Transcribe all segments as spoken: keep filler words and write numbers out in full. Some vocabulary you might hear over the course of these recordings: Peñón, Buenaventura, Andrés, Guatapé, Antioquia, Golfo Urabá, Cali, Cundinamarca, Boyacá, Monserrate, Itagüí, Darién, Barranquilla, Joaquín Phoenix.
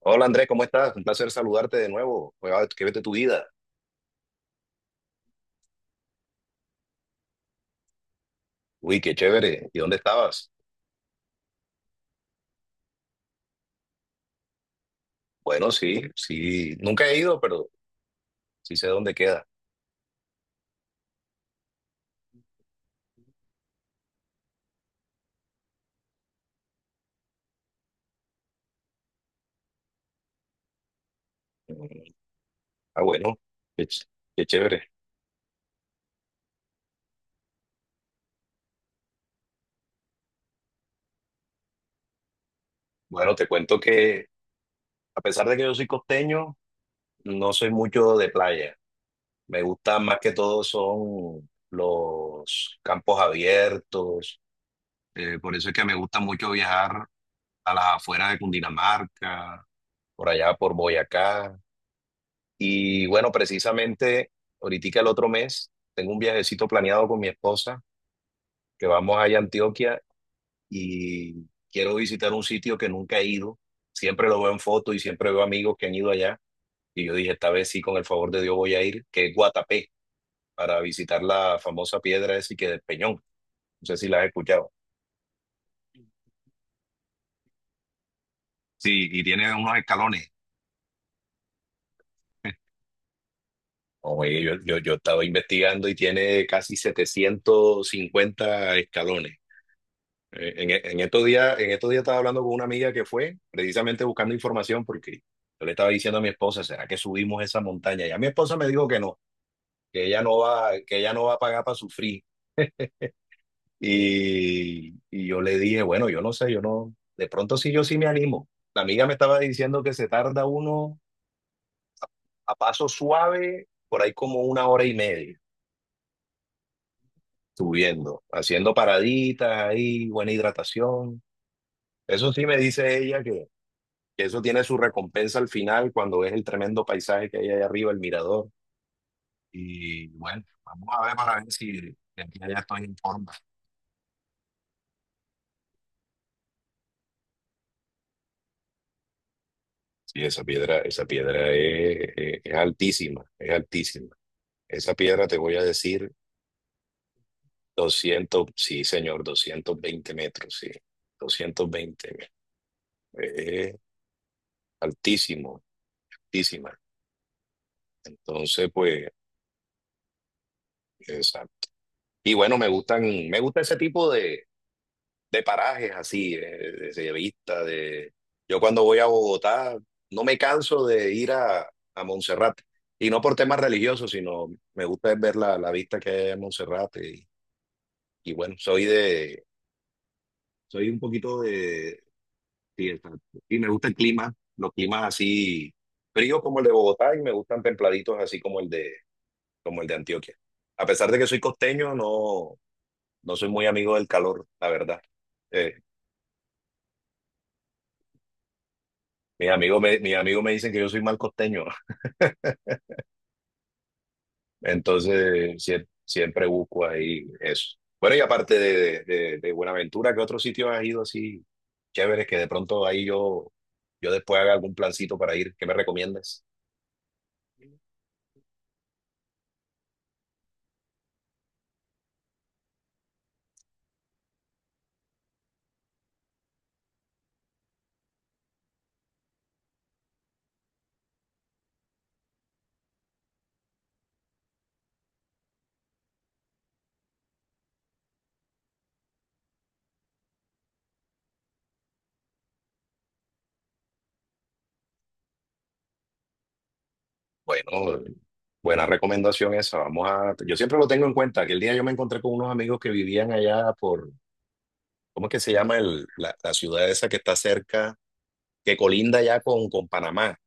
Hola Andrés, ¿cómo estás? Un placer saludarte de nuevo. Oiga, ¿qué vete tu vida? Uy, qué chévere. ¿Y dónde estabas? Bueno, sí, sí, nunca he ido, pero sí sé dónde queda. Mm, ah, bueno, qué, ch- qué chévere. Bueno, te cuento que a pesar de que yo soy costeño, no soy mucho de playa. Me gustan más que todo son los campos abiertos. Eh, por eso es que me gusta mucho viajar a las afueras de Cundinamarca, por allá por Boyacá. Y bueno, precisamente ahorita el otro mes tengo un viajecito planeado con mi esposa, que vamos allá a Antioquia y quiero visitar un sitio que nunca he ido. Siempre lo veo en fotos y siempre veo amigos que han ido allá. Y yo dije, esta vez sí, con el favor de Dios voy a ir, que es Guatapé, para visitar la famosa piedra esa que del Peñón. No sé si la has escuchado. Sí, y tiene unos escalones. Oye, yo, yo, yo estaba investigando y tiene casi setecientos cincuenta escalones. Eh, En, e, en estos días, en estos días estaba hablando con una amiga que fue precisamente buscando información porque yo le estaba diciendo a mi esposa, ¿será que subimos esa montaña? Y a mi esposa me dijo que no, que ella no va, que ella no va a pagar para sufrir. Y, y yo le dije, bueno, yo no sé, yo no, de pronto sí, yo sí me animo. La amiga me estaba diciendo que se tarda uno a paso suave, por ahí como una hora y media, subiendo, haciendo paraditas ahí, buena hidratación. Eso sí me dice ella que eso tiene su recompensa al final cuando ves el tremendo paisaje que hay ahí arriba, el mirador. Y bueno, vamos a ver para ver si de aquí a allá estoy en forma. Sí, esa piedra, esa piedra es, es- es altísima, es altísima. Esa piedra te voy a decir doscientos, sí señor, doscientos veinte metros, sí, doscientos veinte es altísimo, altísima. Entonces, pues, esa. Y bueno, me gustan, me gusta ese tipo de de parajes así, eh, de, de vista de. Yo cuando voy a Bogotá no me canso de ir a, a Monserrate, y no por temas religiosos, sino me gusta ver la, la vista que hay en Monserrate, y, y bueno, soy de. Soy un poquito de. Sí, exacto. Y me gusta el clima, los climas así fríos como el de Bogotá, y me gustan templaditos así como el de, como el de Antioquia. A pesar de que soy costeño, no, no soy muy amigo del calor, la verdad. eh, Mis amigos me, mis amigos me dicen que yo soy mal costeño, entonces sie- siempre busco ahí eso. Bueno, y aparte de, de, de Buenaventura, ¿qué otros sitios has ido así chéveres que de pronto ahí yo, yo después haga algún plancito para ir? ¿Qué me recomiendas? Bueno, buena recomendación esa. Vamos a, yo siempre lo tengo en cuenta. Que el día yo me encontré con unos amigos que vivían allá por, ¿cómo es que se llama el, la, la ciudad esa que está cerca, que colinda ya con, con Panamá,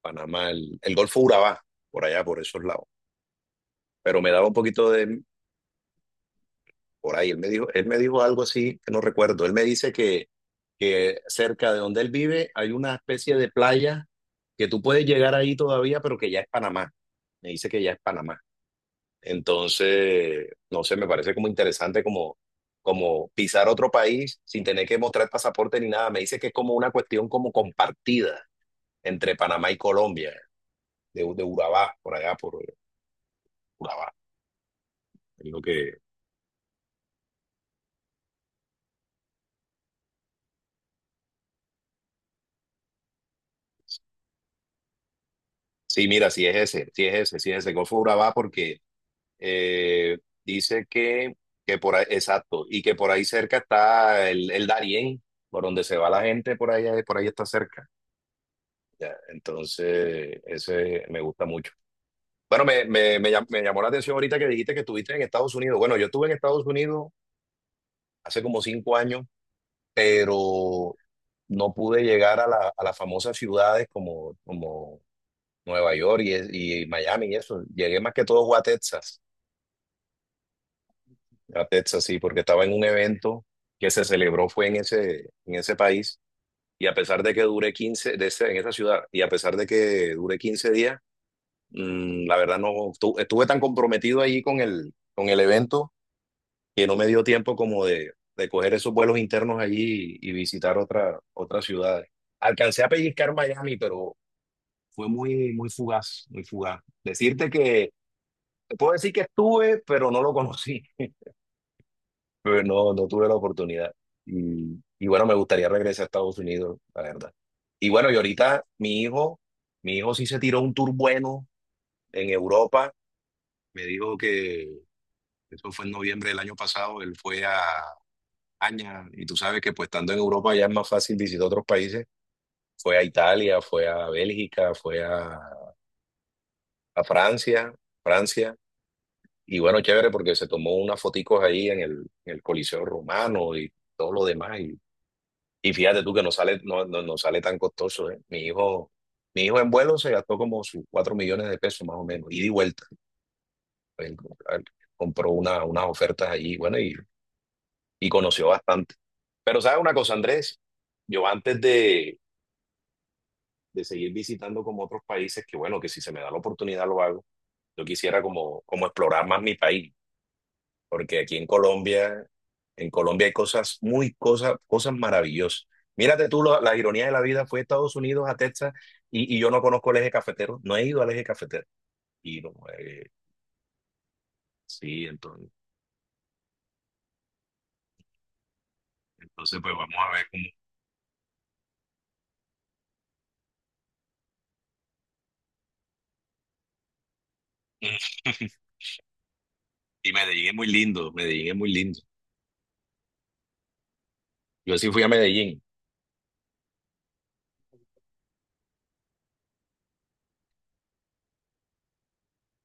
Panamá, el, el Golfo Urabá, por allá, por esos lados. Pero me daba un poquito de por ahí. Él me dijo, él me dijo algo así que no recuerdo. Él me dice que, que cerca de donde él vive hay una especie de playa que tú puedes llegar ahí todavía, pero que ya es Panamá. Me dice que ya es Panamá. Entonces, no sé, me parece como interesante como, como pisar otro país sin tener que mostrar pasaporte ni nada. Me dice que es como una cuestión como compartida entre Panamá y Colombia, de, de Urabá, por allá, por Urabá, es lo que. Sí, mira, sí es ese, sí es ese, sí es ese. Golfo Urabá porque eh, dice que, que por ahí, exacto, y que por ahí cerca está el, el Darién, por donde se va la gente, por ahí, por ahí está cerca. Ya, entonces, ese me gusta mucho. Bueno, me, me, me, llam- me llamó la atención ahorita que dijiste que estuviste en Estados Unidos. Bueno, yo estuve en Estados Unidos hace como cinco años, pero no pude llegar a, la- a las famosas ciudades como, como Nueva York y, es- y Miami y eso. Llegué más que todo fue a Texas. A Texas, sí, porque estaba en un evento que se celebró, fue en ese, en ese país, y a pesar de que dure quince de ese- en esa ciudad, y a pesar de que dure quince días, mm, la verdad no, estu- estuve tan comprometido ahí con el, con el evento que no me dio tiempo como de, de coger esos vuelos internos allí y, y visitar otra, otras ciudades. Alcancé a pellizcar Miami, pero fue muy, muy fugaz, muy fugaz. Decirte que, te puedo decir que estuve, pero no lo conocí. Pero no, no tuve la oportunidad. Y, y bueno, me gustaría regresar a Estados Unidos, la verdad. Y bueno, y ahorita mi hijo, mi hijo sí se tiró un tour bueno en Europa. Me dijo que eso fue en noviembre del año pasado. Él fue a España y tú sabes que pues estando en Europa ya es más fácil visitar otros países. Fue a Italia, fue a Bélgica, fue a, a Francia, Francia. Y bueno, chévere porque se tomó unas foticos ahí en el, en el Coliseo Romano y todo lo demás. Y fíjate tú que no sale, no, no, no sale tan costoso, ¿eh? Mi hijo, mi hijo en vuelo se gastó como sus cuatro millones de pesos más o menos, ida y vuelta. Él co- él compró una, unas ofertas allí, bueno, y, y conoció bastante. Pero ¿sabes una cosa, Andrés? Yo antes de, de seguir visitando como otros países, que bueno, que si se me da la oportunidad lo hago, yo quisiera como, como explorar más mi país. Porque aquí en Colombia, en Colombia hay cosas muy cosas, cosas maravillosas. Mírate tú, lo- la, ironía de la vida fue a Estados Unidos, a Texas, y, y yo no conozco el eje cafetero, no he ido al eje cafetero. Y no, eh, sí, entonces, entonces pues vamos a ver cómo. Y Medellín es muy lindo, Medellín es muy lindo. Yo sí fui a Medellín.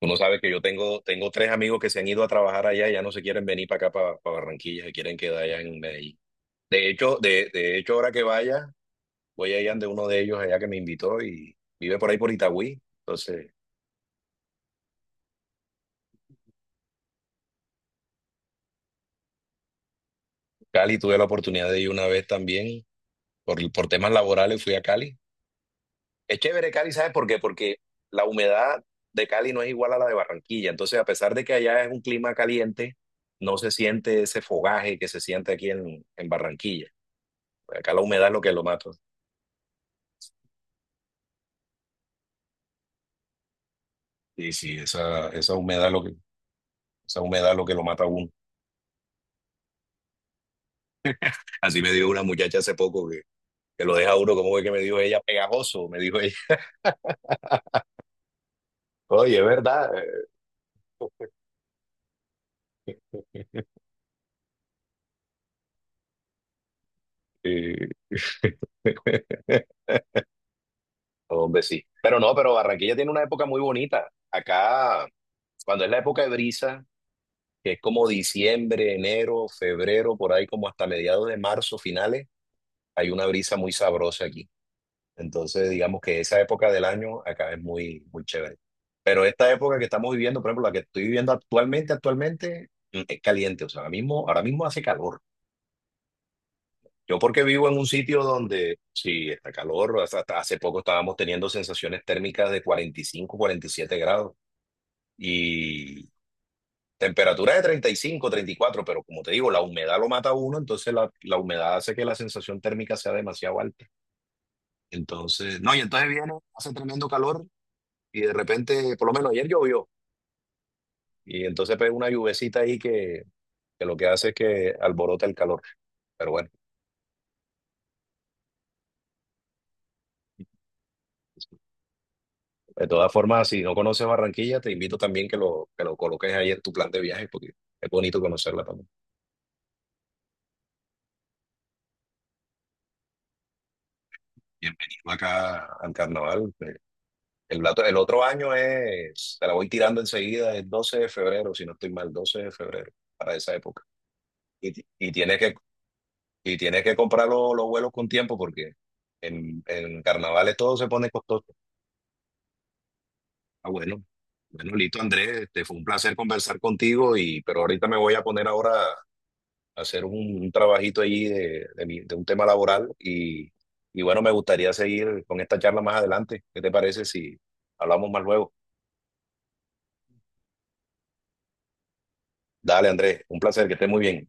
Uno sabe que yo tengo, tengo tres amigos que se han ido a trabajar allá y ya no se quieren venir para acá, para, para Barranquilla, se quieren quedar allá en Medellín. De hecho, de, de hecho, ahora que vaya, voy a ir de uno de ellos allá que me invitó y vive por ahí por Itagüí. Entonces, Cali tuve la oportunidad de ir una vez también, por, por temas laborales fui a Cali. Es chévere Cali, ¿sabes por qué? Porque la humedad de Cali no es igual a la de Barranquilla. Entonces, a pesar de que allá es un clima caliente, no se siente ese fogaje que se siente aquí en, en Barranquilla. Acá la humedad es lo que lo mata. Sí, sí, esa, esa humedad es lo que, esa humedad es lo que lo mata a uno. Así me dijo una muchacha hace poco que, que lo deja a uno, como que me dijo ella, pegajoso, me dijo oye, es verdad. Eh, hombre, sí. Pero no, pero Barranquilla tiene una época muy bonita. Acá, cuando es la época de brisa, que es como diciembre, enero, febrero, por ahí como hasta mediados de marzo, finales, hay una brisa muy sabrosa aquí. Entonces, digamos que esa época del año acá es muy, muy chévere. Pero esta época que estamos viviendo, por ejemplo, la que estoy viviendo actualmente, actualmente, mm, es caliente. O sea, ahora mismo, ahora mismo hace calor. Yo porque vivo en un sitio donde sí está calor, hasta, hasta hace poco estábamos teniendo sensaciones térmicas de cuarenta y cinco, cuarenta y siete grados y temperatura de treinta y cinco, treinta y cuatro, pero como te digo, la humedad lo mata a uno, entonces la, la humedad hace que la sensación térmica sea demasiado alta. Entonces, no, y entonces viene, hace tremendo calor y de repente, por lo menos ayer llovió y entonces pega una lluvecita ahí que, que lo que hace es que alborota el calor. Pero bueno. De todas formas, si no conoces Barranquilla, te invito también que lo, que lo coloques ahí en tu plan de viaje, porque es bonito conocerla también. Bienvenido acá al carnaval. Eh, El, dato- el otro año es, te la voy tirando enseguida, el doce de febrero, si no estoy mal, doce de febrero, para esa época. Y, ti- y tienes que, y tienes que comprar lo- los vuelos con tiempo, porque en, en carnavales todo se pone costoso. Ah, bueno. Bueno, listo, Andrés, este, fue un placer conversar contigo, y, pero ahorita me voy a poner ahora hacer un, un trabajito allí de, de, mi- de un tema laboral y, y bueno, me gustaría seguir con esta charla más adelante. ¿Qué te parece si hablamos más luego? Dale, Andrés, un placer, que estés muy bien.